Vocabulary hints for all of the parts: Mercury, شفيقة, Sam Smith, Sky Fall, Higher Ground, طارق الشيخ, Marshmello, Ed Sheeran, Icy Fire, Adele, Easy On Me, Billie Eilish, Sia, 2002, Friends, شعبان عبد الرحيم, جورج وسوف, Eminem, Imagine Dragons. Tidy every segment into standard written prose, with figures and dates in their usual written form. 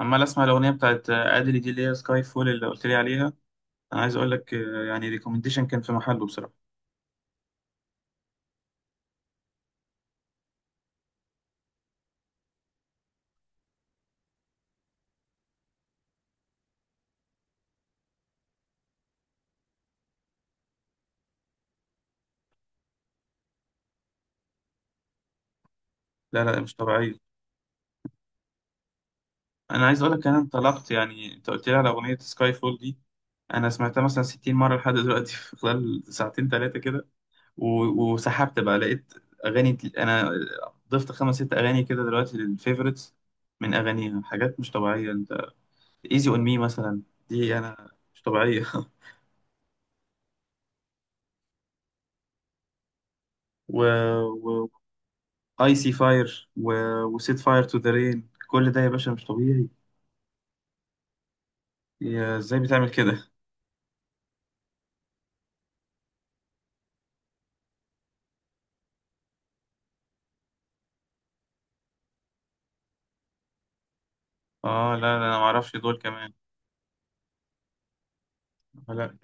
عمال اسمع الاغنيه بتاعت ادلي دي اللي هي سكاي فول اللي قلت لي عليها. انا عايز اقول لك، يعني ريكومنديشن كان في محله بصراحه. لا لا، مش طبيعيه. انا عايز اقول لك انا انطلقت، يعني انت قلت لي على اغنيه سكاي فول دي. انا سمعتها مثلا 60 مره لحد دلوقتي في خلال ساعتين ثلاثه كده. وسحبت بقى، لقيت اغاني انا ضفت خمس ست اغاني كده دلوقتي للفيفوريتس، من اغانيها حاجات مش طبيعيه. انت ايزي اون مي مثلا، دي انا، مش طبيعيه و... ايسي فاير وسيت فاير تو ذا رين، كل ده يا باشا مش طبيعي. يا ازاي بتعمل كده؟ اه، لا لا، انا ما اعرفش دول كمان. لا.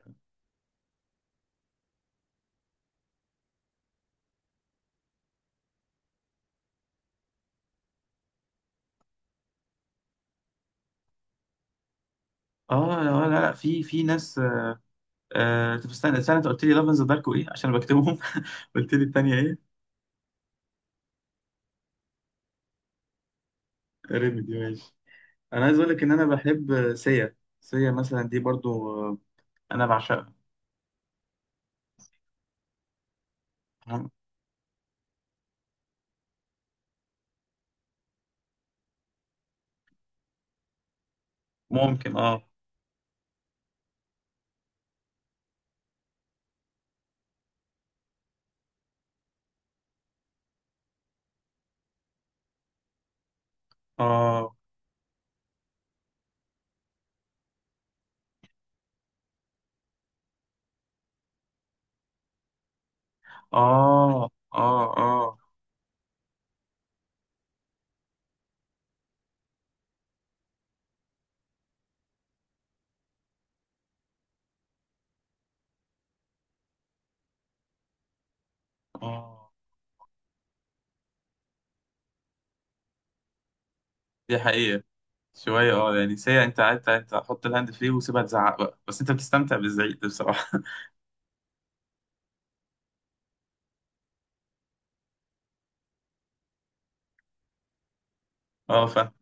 اه، لا لا، لا. في ناس. طب استنى استنى، انت قلت لي لاف ذا دارك وايه، عشان بكتبهم قلت لي التانية ايه؟ ريميدي، ماشي. انا عايز اقول لك ان انا بحب سيا. سيا مثلا دي برضو، انا بعشقها. ممكن اه اه اه. اه اه اه. دي حقيقة. شوية، يعني ساعة انت قاعد، انت حط الهاند فري وسيبها تزعق بقى، بس انت بتستمتع بالزعيق ده بصراحة. اه، فاهم.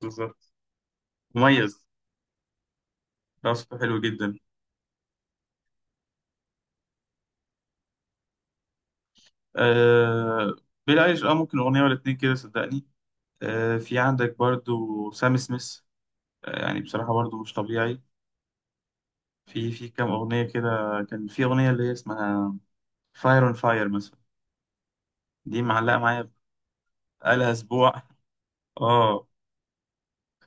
بالظبط. مميز. لا، صوته حلو جدا. آه بيلي ايليش، ممكن اغنية ولا اتنين كده صدقني. في عندك برضو سام سميث، يعني بصراحة برضو مش طبيعي. في كام اغنية كده، كان في اغنية اللي هي اسمها فاير اون فاير مثلا، دي معلقة معايا بقالها اسبوع اه.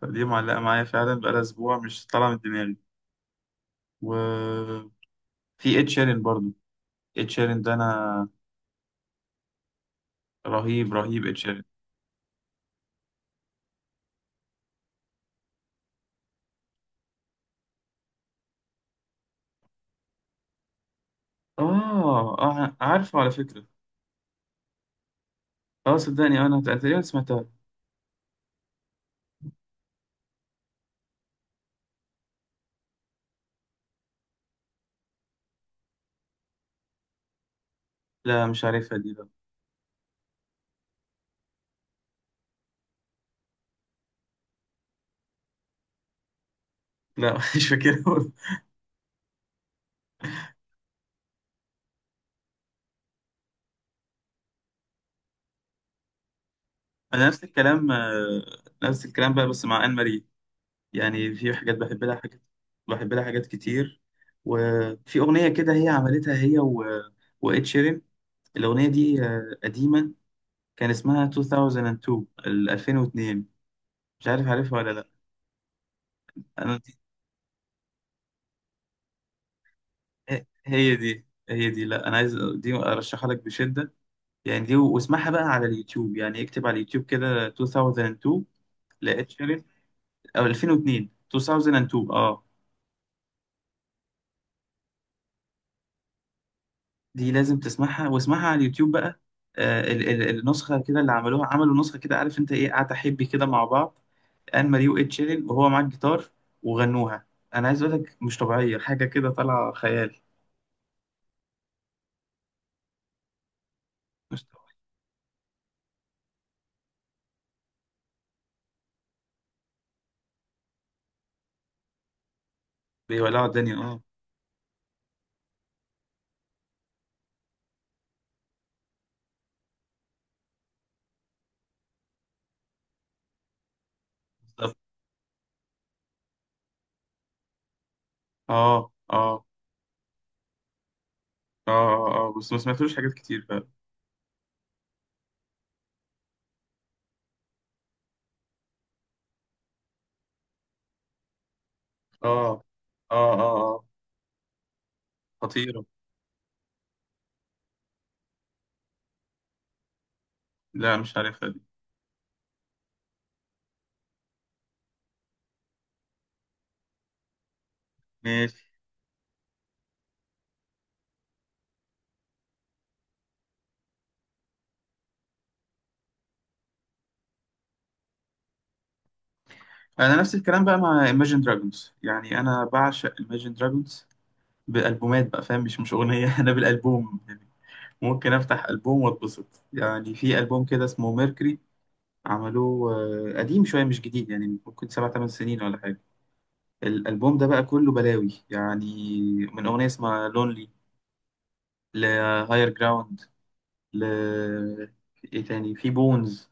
فدي معلقة معايا فعلا بقالها اسبوع، مش طالعة من دماغي. وفي اد شيرين برضو، ed شيران ده، انا، رهيب رهيب ed شيران. اه اه، عارفه على فكره. اه صدقني، انا تقريبا سمعتها. لا مش عارفها دي بقى. لا مش فاكرها. انا نفس الكلام، نفس الكلام بقى، بس مع ان ماري، يعني في حاجات بحب لها، حاجات بحب لها حاجات كتير. وفي اغنيه كده هي عملتها، هي وإد شيران. الاغنيه دي قديمه، كان اسمها 2002، ال 2002، مش عارف عارفها ولا لا. انا هي دي، لا، انا عايز دي ارشحها لك بشده، يعني دي، واسمعها بقى على اليوتيوب، يعني اكتب على اليوتيوب كده 2002، لقيت شريط، او 2002، 2002، اه. دي لازم تسمعها، واسمعها على اليوتيوب بقى. ال النسخه كده اللي عملوها، عملوا نسخه كده، عارف انت، ايه، قعدة حبي كده مع بعض، ان ماري وايد شيرين وهو معاه الجيتار، وغنوها. انا عايز اقول لك، مش طبيعيه، حاجه كده طالعه خيال. مش طبيعيه. بيولعوا الدنيا اه. بالظبط. اه اه اه اه، آه، آه. بس ما سمعتلوش حاجات كتير. اه اه اه اه، خطيرة. لا مش عارفها دي. ماشي. انا نفس الكلام بقى مع Imagine Dragons، يعني انا بعشق Imagine Dragons بالالبومات بقى، فاهم، مش اغنية انا بالالبوم يعني، ممكن افتح البوم واتبسط. يعني في البوم كده اسمه ميركوري، عملوه قديم شوية، مش جديد، يعني ممكن سبع تمن سنين ولا حاجة. الألبوم ده بقى كله بلاوي، يعني من أغنية اسمها لونلي، لهاير جراوند، ل Higher Ground، ل- ايه تاني، في بونز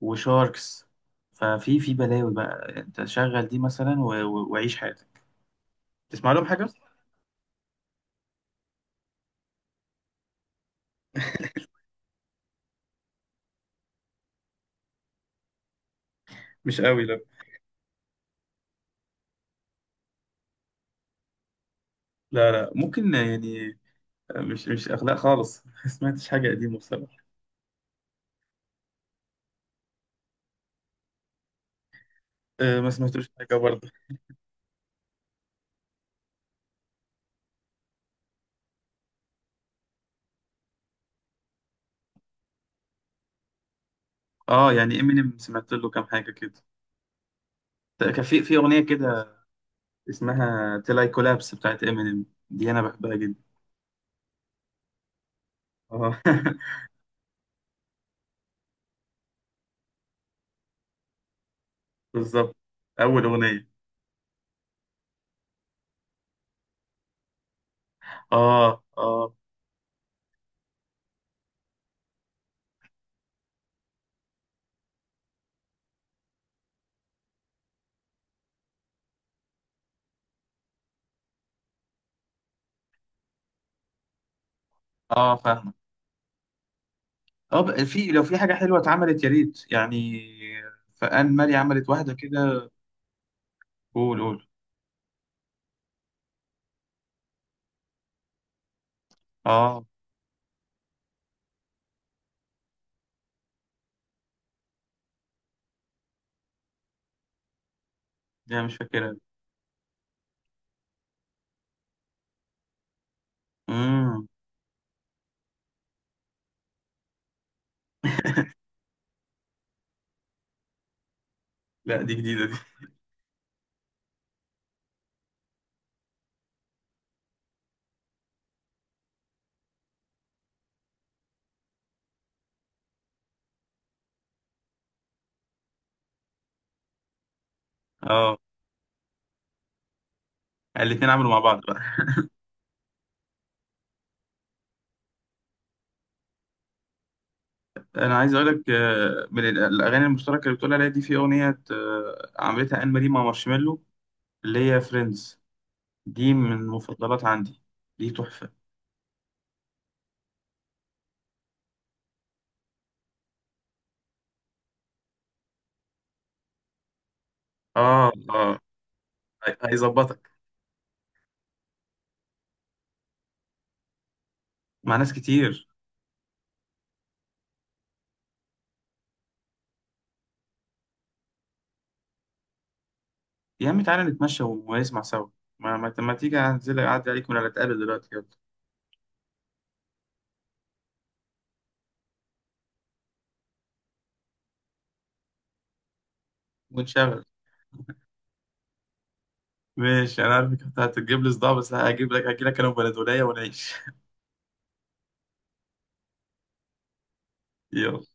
وشاركس. ففي بلاوي بقى، انت شغل دي مثلا وعيش حياتك. تسمع لهم حاجة؟ مش قوي، لا. لا لا، ممكن يعني، مش اخلاق خالص ما سمعتش حاجة قديمة بصراحة. أه، ما سمعتوش حاجة برضه. اه يعني امينيم سمعت له كام حاجة كده، كان في اغنية كده اسمها تلاي كولابس بتاعت امينيم، دي انا بحبها جدا اه بالظبط، اول اغنية. اه اه. اه اه بقى، في لو في حاجة حلوة اتعملت يا ريت، يعني فان مالي عملت واحدة كده. قول قول. اه، دي انا مش فاكرها. امم، لا دي جديدة دي. اه، الاتنين عملوا مع بعض بقى. انا عايز اقول لك، من الاغاني المشتركة اللي بتقول عليها دي، في اغنية عملتها ان مالي مع مارشميلو، اللي هي فريندز، دي من المفضلات عندي، دي تحفة. اه اه، هيظبطك مع ناس كتير. يا عم تعالى نتمشى ونسمع سوا، ما تيجي انزل اعدي عليك، ولا نتقابل دلوقتي، يلا ونشغل. ماشي، انا عارف انك هتجيب لي صداع، بس هجي لك انا وبلدولية ونعيش يلا.